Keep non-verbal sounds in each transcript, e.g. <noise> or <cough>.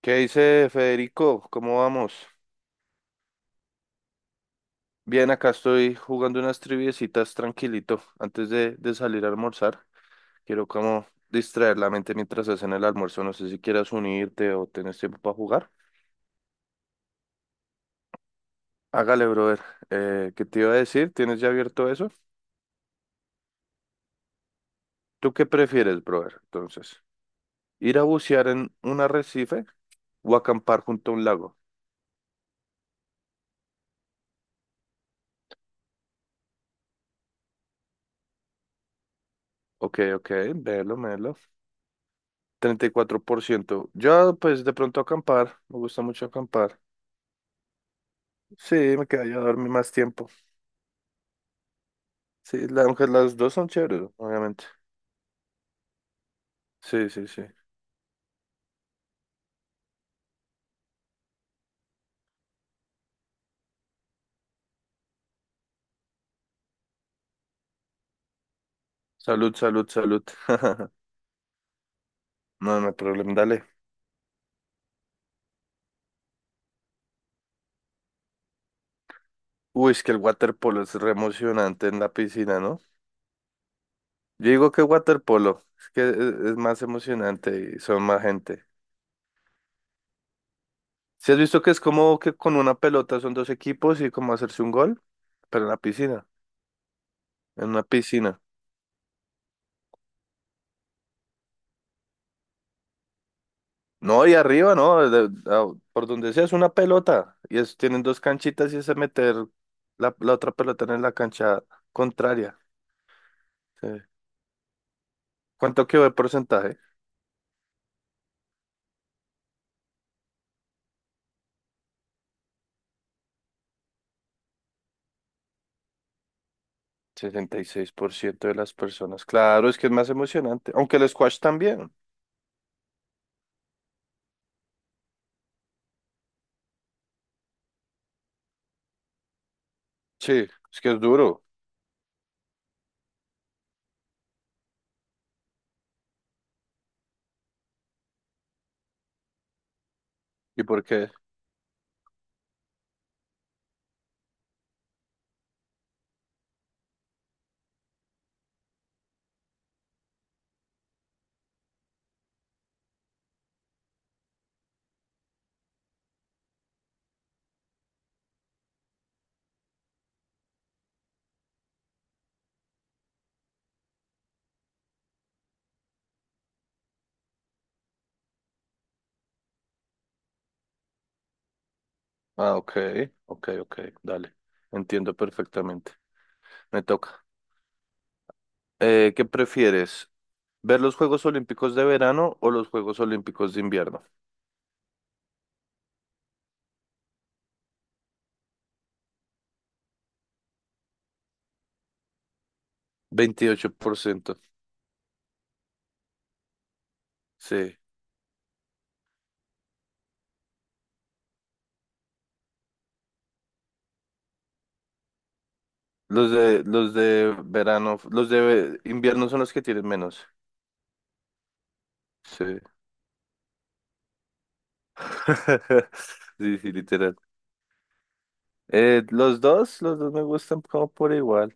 ¿Qué dice Federico? ¿Cómo vamos? Bien, acá estoy jugando unas triviecitas tranquilito antes de salir a almorzar. Quiero como distraer la mente mientras hacen el almuerzo. No sé si quieras unirte o tenés tiempo para jugar. Hágale, brother. ¿Qué te iba a decir? ¿Tienes ya abierto eso? ¿Tú qué prefieres, brother? Entonces, ¿ir a bucear en un arrecife o acampar junto a un lago? Ok, ok, velo, velo. 34%. Yo, pues, de pronto acampar. Me gusta mucho acampar. Sí, me quedaría a dormir más tiempo. Sí, aunque las dos son chéveres, obviamente. Sí, sí, sí. Salud, salud, salud. <laughs> No, no hay problema, dale. Uy, es que el waterpolo es re emocionante en la piscina, ¿no? Yo digo que waterpolo, es que es más emocionante y son más gente. ¿Si has visto que es como que con una pelota son dos equipos y como hacerse un gol? Pero en la piscina, en una piscina. No, y arriba, ¿no? A- por donde sea es una pelota. Y es, tienen dos canchitas y es meter la otra pelota en la cancha contraria. Sí. ¿Cuánto quedó de porcentaje? 66% de las personas. Claro, es que es más emocionante. Aunque el squash también. Sí, es que es duro. ¿Y por qué? Ah, ok, ok, ok, dale. Entiendo perfectamente. Me toca. ¿Qué prefieres? ¿Ver los Juegos Olímpicos de verano o los Juegos Olímpicos de invierno? 28%. Sí. Los de verano, los de invierno son los que tienen menos. Sí. <laughs> Sí, sí, literal. Los dos me gustan como por igual.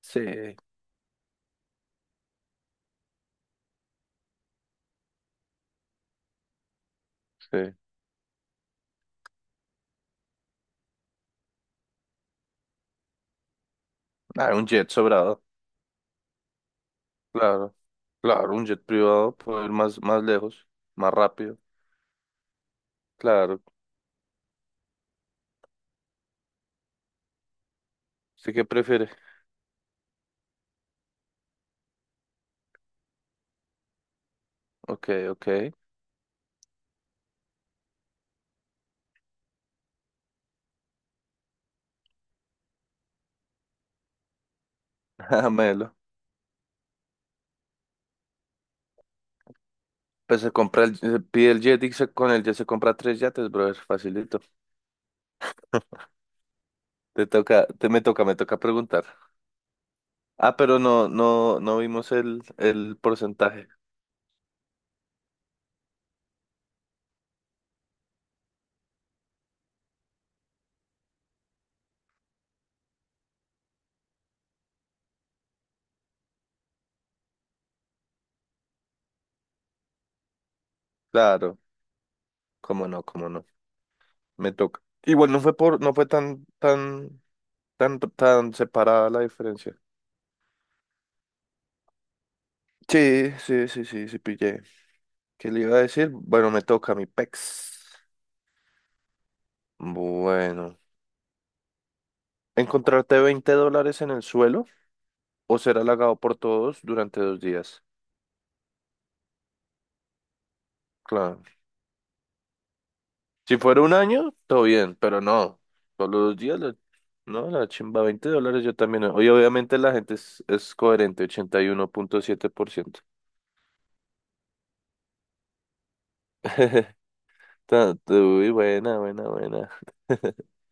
Sí, sí. Ah, un jet sobrado. Claro, claro, un jet privado puede ir más lejos, más rápido. Claro. ¿Usted qué prefiere? Ok, ok. <laughs> Ah, Melo. Pues se compra se pide el jet y con el jet se compra tres yates, brother. Facilito. Te toca, me toca preguntar. Ah, pero no vimos el porcentaje. Claro, cómo no, cómo no. Me toca. Igual no fue no fue tan separada la diferencia. Sí, sí, sí, sí, sí, pillé. ¿Qué le iba a decir? Bueno, me toca mi pex. Bueno. ¿Encontrarte $20 en el suelo o ser halagado por todos durante 2 días? Claro. Si fuera un año, todo bien, pero no. Solo 2 días, no, la chimba, $20 yo también. No. Oye, obviamente la gente es coherente, 81.7%. <laughs> Ta- Uy, buena, buena, buena. <laughs>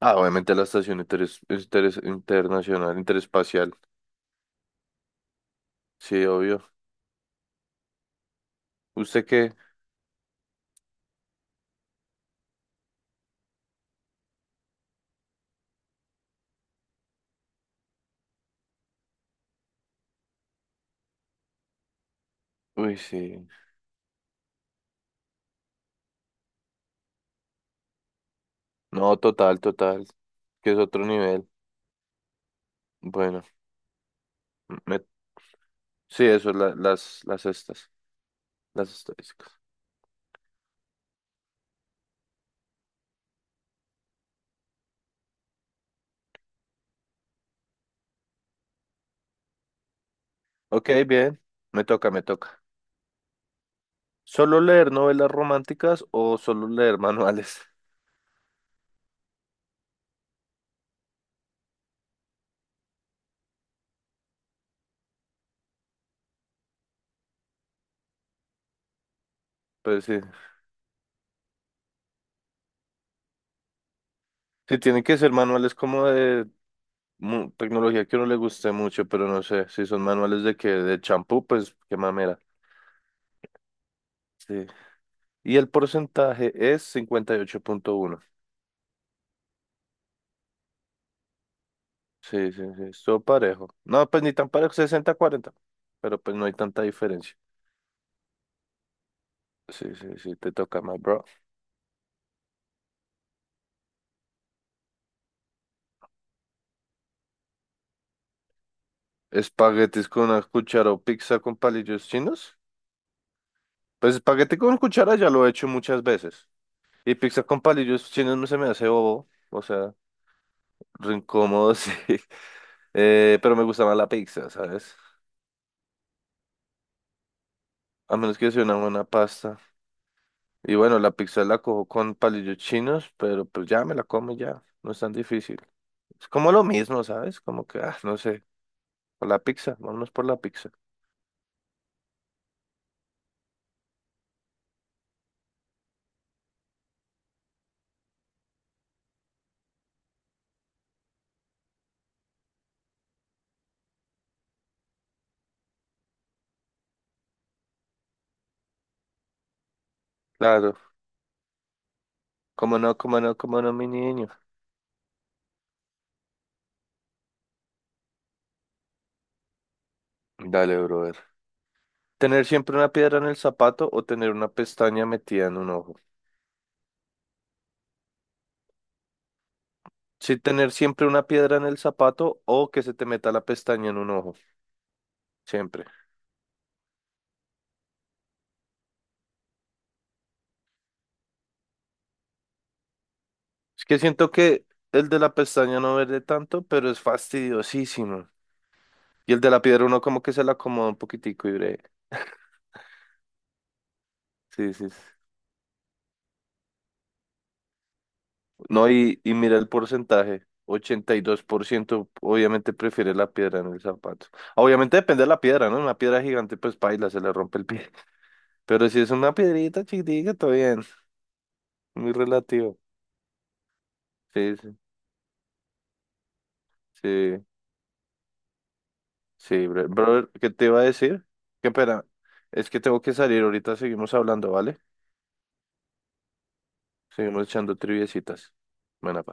Ah, obviamente la estación internacional, interespacial. Sí, obvio. ¿Usted qué? Uy, sí. No, total, total. Que es otro nivel. Bueno, me- sí, eso, las estas, las estadísticas. Ok, bien. Me toca, me toca. ¿Solo leer novelas románticas o solo leer manuales? <laughs> Pues sí, sí tienen que ser manuales como de tecnología que a uno le guste mucho, pero no sé, si son manuales de que de champú, pues qué mamera. Sí. Y el porcentaje es 58,1. Sí, sí, sí, estuvo parejo. No, pues ni tan parejo, 60-40, pero pues no hay tanta diferencia. Sí, sí, sí, te toca más, bro. Espaguetis con una cuchara o pizza con palillos chinos. Pues espagueti con cuchara ya lo he hecho muchas veces. Y pizza con palillos chinos no se me hace bobo, o sea, re incómodo, <laughs> sí. Pero me gusta más la pizza, ¿sabes? A menos que sea una buena pasta. Y bueno, la pizza la cojo con palillos chinos, pero pues ya me la como y ya, no es tan difícil. Es como lo mismo, ¿sabes? Como que, ah, no sé, vámonos por la pizza. Claro, cómo no, cómo no, cómo no, mi niño. Dale, brother. ¿Tener siempre una piedra en el zapato o tener una pestaña metida en un ojo? Sí, tener siempre una piedra en el zapato o que se te meta la pestaña en un ojo, siempre. Es que siento que el de la pestaña no verde tanto, pero es fastidiosísimo. Y el de la piedra uno como que se la acomoda un poquitico y breve. Sí, sí, sí. No, y mira el porcentaje. 82% obviamente prefiere la piedra en el zapato. Obviamente depende de la piedra, ¿no? Una piedra gigante, pues paila, se le rompe el pie. <laughs> Pero si es una piedrita chiquitica, todo bien. Muy relativo. Sí, sí, sí. Sí, brother, ¿qué te iba a decir? Qué pena, es que tengo que salir, ahorita seguimos hablando, ¿vale? Seguimos echando triviecitas. Buena